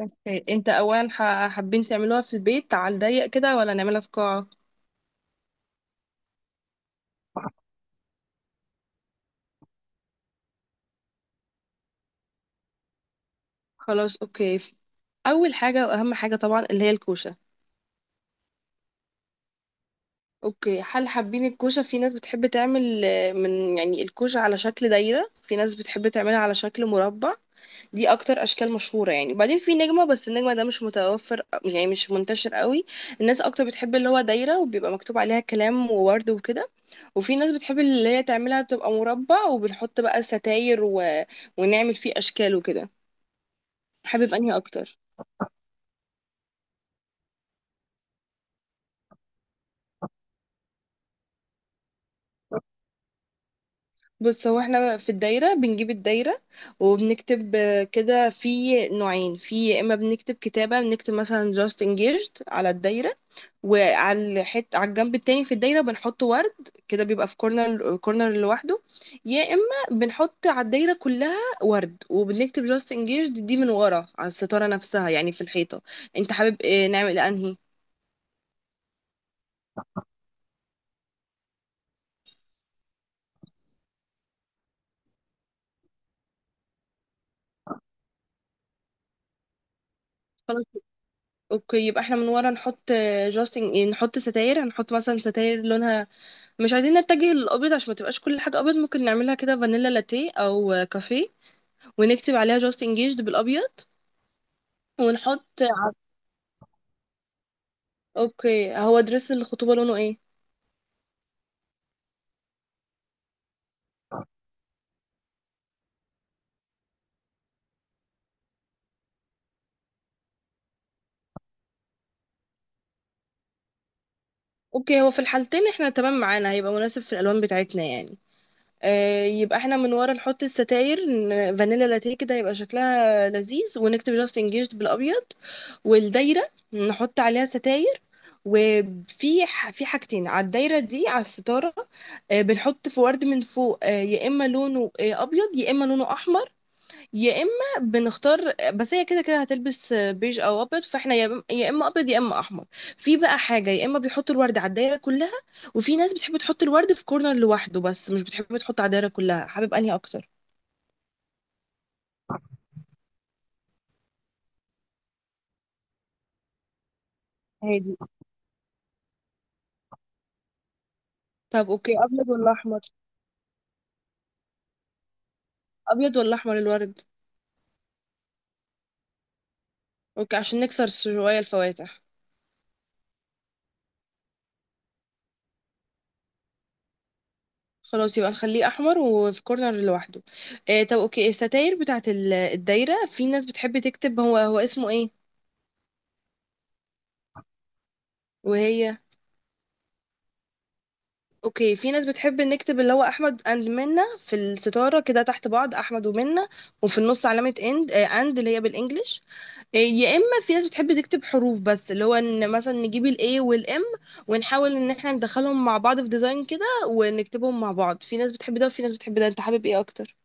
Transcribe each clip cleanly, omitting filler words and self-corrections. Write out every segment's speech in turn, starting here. اوكي، انت اولا حابين تعملوها في البيت على الضيق كده ولا نعملها في قاعة؟ خلاص، اوكي. اول حاجة واهم حاجة طبعا اللي هي الكوشة. اوكي، هل حابين الكوشة؟ في ناس بتحب تعمل من يعني الكوشة على شكل دايرة، في ناس بتحب تعملها على شكل مربع. دي اكتر اشكال مشهوره يعني، وبعدين في نجمه، بس النجمه ده مش متوفر، يعني مش منتشر قوي. الناس اكتر بتحب اللي هو دايره، وبيبقى مكتوب عليها كلام وورد وكده. وفي ناس بتحب اللي هي تعملها بتبقى مربع، وبنحط بقى ستاير و ونعمل فيه اشكال وكده. حابب انهي اكتر؟ بص، هو احنا في الدايره بنجيب الدايره، وبنكتب كده، في نوعين. في يا اما بنكتب كتابه، بنكتب مثلا just engaged على الدايره، وعلى الحت، على الجنب التاني في الدايرة بنحط ورد، كده بيبقى في كورنر لوحده. يا اما بنحط على الدايرة كلها ورد، وبنكتب جاست انجيجد دي من ورا على الستارة نفسها، يعني في الحيطة. انت حابب إيه؟ نعمل انهي؟ خلاص، اوكي. يبقى احنا من ورا نحط، جاست نحط ستاير، هنحط مثلا ستاير لونها، مش عايزين نتجه للابيض عشان ما تبقاش كل حاجة ابيض. ممكن نعملها كده فانيلا لاتيه او كافيه، ونكتب عليها جاست انجيجد بالابيض ونحط. اوكي، هو دريس الخطوبة لونه ايه؟ اوكي، هو في الحالتين احنا تمام، معانا هيبقى مناسب في الالوان بتاعتنا يعني. آه، يبقى احنا من ورا نحط الستاير فانيلا لاتيه كده، يبقى شكلها لذيذ، ونكتب جاست انجيجد بالابيض. والدايره نحط عليها ستاير، وفي ح- في حاجتين على الدايره دي، على الستاره. بنحط في ورد من فوق. يا اما لونه ابيض، يا اما لونه احمر، يا اما بنختار. بس هي كده كده هتلبس بيج او ابيض، فاحنا يا اما ابيض يا اما احمر. في بقى حاجه، يا اما بيحطوا الورد على الدايره كلها، وفي ناس بتحب تحط الورد في كورنر لوحده بس مش بتحب تحط على الدايره كلها. حابب انهي اكتر؟ هادي. طب، اوكي، ابيض ولا احمر؟ ابيض ولا احمر الورد؟ اوكي، عشان نكسر شويه الفواتح. خلاص، يبقى نخليه احمر وفي كورنر لوحده. آه، طب اوكي، الستاير بتاعت الدايره، في ناس بتحب تكتب. هو، هو اسمه ايه؟ وهي؟ اوكي، في ناس بتحب نكتب اللي هو احمد اند منى في الستاره كده تحت بعض، احمد ومنى. وفي النص علامه اند، اللي هي بالانجلش. يا اما في ناس بتحب تكتب حروف بس، اللي هو ان مثلا نجيب الاي والام، ونحاول ان احنا ندخلهم مع بعض في ديزاين كده ونكتبهم مع بعض. في ناس بتحب ده وفي ناس بتحب ده، انت حابب ايه اكتر؟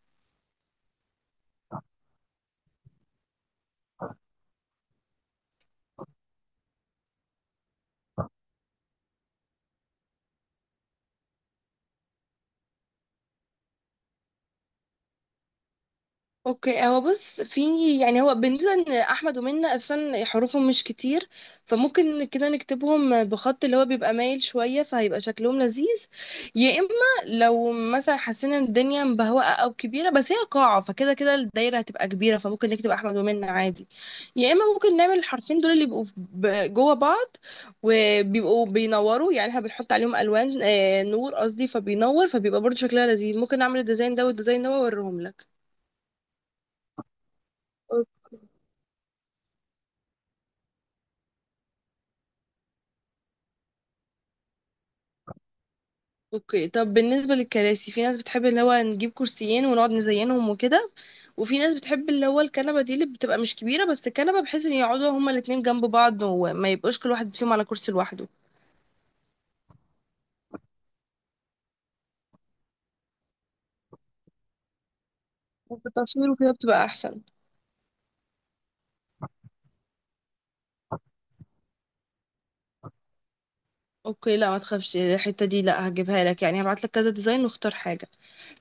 اوكي، هو بص، في يعني، هو بالنسبه ان احمد ومنة اصلا حروفهم مش كتير، فممكن كده نكتبهم بخط اللي هو بيبقى مايل شويه، فهيبقى شكلهم لذيذ. يا اما لو مثلا حسينا ان الدنيا مبهوأه او كبيره، بس هي قاعه، فكده كده الدايره هتبقى كبيره، فممكن نكتب احمد ومنة عادي. يا اما ممكن نعمل الحرفين دول اللي بيبقوا جوه بعض، وبيبقوا بينوروا، يعني احنا بنحط عليهم الوان، نور قصدي، فبينور، فبيبقى برضه شكلها لذيذ. ممكن نعمل الديزاين ده والديزاين ده واوريهم لك. اوكي، طب بالنسبة للكراسي، في ناس بتحب اللي هو نجيب كرسيين ونقعد نزينهم وكده، وفي ناس بتحب اللي هو الكنبة دي اللي بتبقى مش كبيرة، بس الكنبة بحيث ان يقعدوا هما الاتنين جنب بعض وما يبقوش كل واحد فيهم على كرسي لوحده، وفي التصوير وكده بتبقى احسن. اوكي، لا، ما تخافش، الحتة دي لا، هجيبها لك يعني، هبعت لك كذا ديزاين واختار حاجة.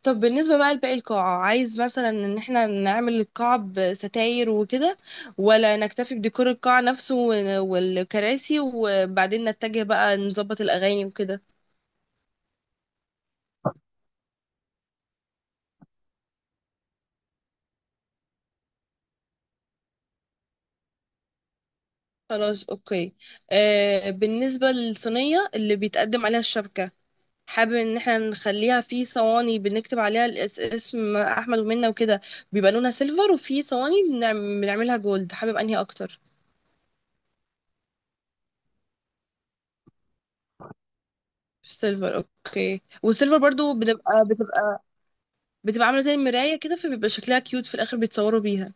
طب بالنسبة بقى لباقي القاعة، عايز مثلا ان احنا نعمل القاعة بستاير وكده، ولا نكتفي بديكور القاعة نفسه والكراسي، وبعدين نتجه بقى نظبط الأغاني وكده؟ خلاص، اوكي. بالنسبة للصينية اللي بيتقدم عليها الشبكة، حابب ان احنا نخليها في صواني بنكتب عليها اسم احمد ومنة وكده، بيبقى لونها سيلفر، وفي صواني بنعملها جولد. حابب انهي اكتر؟ سيلفر، اوكي. والسيلفر برضو بتبقى عاملة زي المراية كده، فبيبقى شكلها كيوت في الاخر بيتصوروا بيها.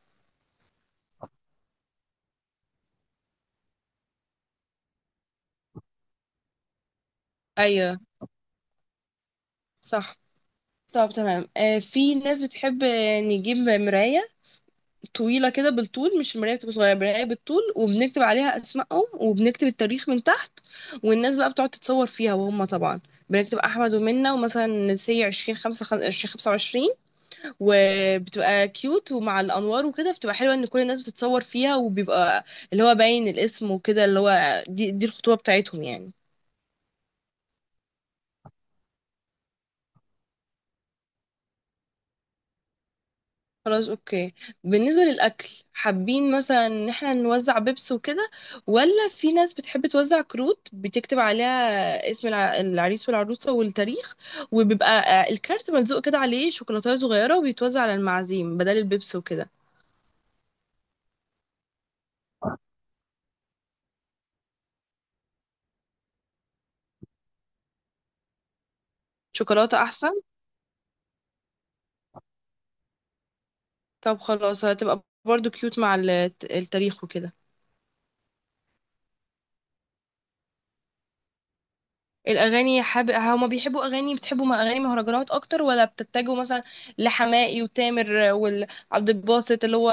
ايوه. صح. طب، تمام. في ناس بتحب نجيب مراية طويلة كده بالطول، مش المراية بتبقى صغيرة، المراية بالطول، وبنكتب عليها أسمائهم وبنكتب التاريخ من تحت، والناس بقى بتقعد تتصور فيها، وهم طبعا بنكتب أحمد ومنة، ومثلا سي عشرين خمسة عشرين خمسة وعشرين، وبتبقى كيوت، ومع الأنوار وكده بتبقى حلوة، إن كل الناس بتتصور فيها، وبيبقى اللي هو باين الاسم وكده، اللي هو دي الخطوبة بتاعتهم يعني. خلاص، اوكي. بالنسبة للأكل، حابين مثلا ان احنا نوزع بيبس وكده، ولا في ناس بتحب توزع كروت بتكتب عليها اسم العريس والعروسة والتاريخ، وبيبقى الكارت ملزوق كده عليه شوكولاتة صغيرة، وبيتوزع على المعازيم بدل البيبس وكده. شوكولاتة أحسن. طب، خلاص، هتبقى برضو كيوت مع التاريخ وكده. الأغاني، حاب، هما بيحبوا أغاني، بتحبوا أغاني مهرجانات أكتر ولا بتتجهوا مثلا لحماقي وتامر وعبد الباسط، اللي هو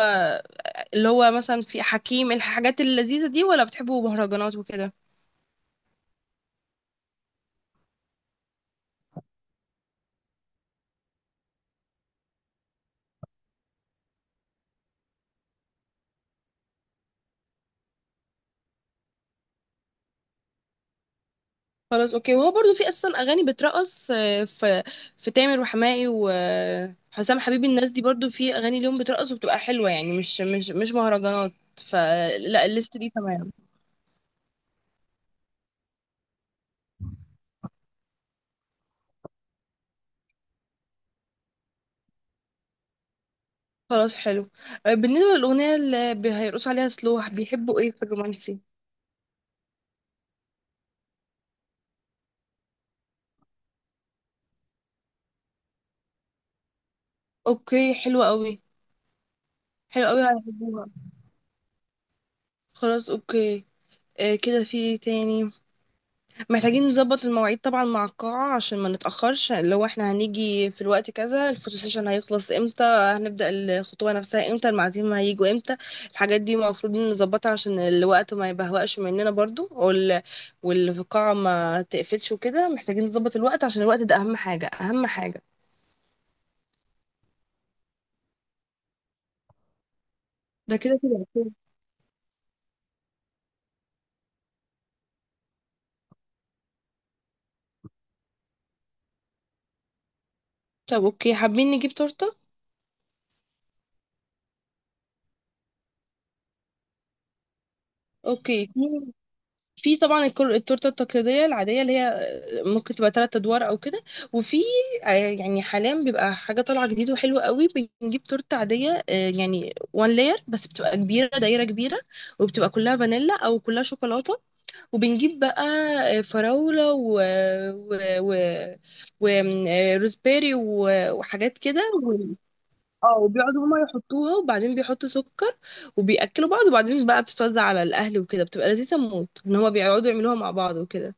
اللي هو مثلا في حكيم، الحاجات اللذيذة دي، ولا بتحبوا مهرجانات وكده؟ خلاص، اوكي. وهو برضو في اصلا اغاني بترقص، في في تامر وحماقي وحسام حبيبي، الناس دي برضو في اغاني ليهم بترقص وبتبقى حلوة، يعني مش مهرجانات. فلا، الليست دي تمام. خلاص، حلو. بالنسبة للأغنية اللي هيرقصوا عليها، سلوح بيحبوا ايه في الرومانسي؟ اوكي، حلوة قوي. حلوة قوي، هيحبوها. خلاص، اوكي. كده في إيه تاني؟ محتاجين نظبط المواعيد طبعا مع القاعة عشان ما نتأخرش، اللي هو احنا هنيجي في الوقت كذا، الفوتو سيشن هيخلص امتى، هنبدأ الخطوة نفسها امتى، المعازيم هيجوا امتى. الحاجات دي المفروض نظبطها عشان الوقت ما يبهوأش مننا برضو، والقاعة ما تقفلش وكده، محتاجين نظبط الوقت عشان الوقت ده أهم حاجة أهم حاجة. ده كده كده. أوكي. طب، اوكي، حابين نجيب تورتة؟ اوكي، في طبعا التورته التقليديه العاديه اللي هي، ممكن تبقى 3 ادوار او كده، وفي يعني حاليا بيبقى حاجه طالعه جديد وحلوه قوي. بنجيب تورته عاديه، يعني وان لاير، بس بتبقى كبيره، دايره كبيره، وبتبقى كلها فانيلا او كلها شوكولاته. وبنجيب بقى فراوله و و, و روزبيري وحاجات كده. اه، وبيقعدوا هما يحطوها، وبعدين بيحطوا سكر، وبيأكلوا بعض، وبعدين بقى بتتوزع على الأهل وكده، بتبقى لذيذة موت إن هما بيقعدوا يعملوها مع بعض وكده.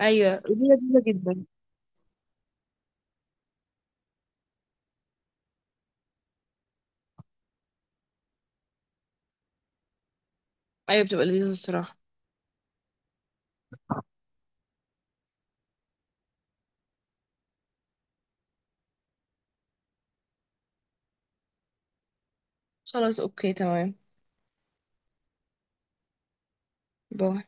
أيوة، دي لذيذة جدا. أيوة، بتبقى لذيذة الصراحة. خلاص، أوكي، تمام. باي.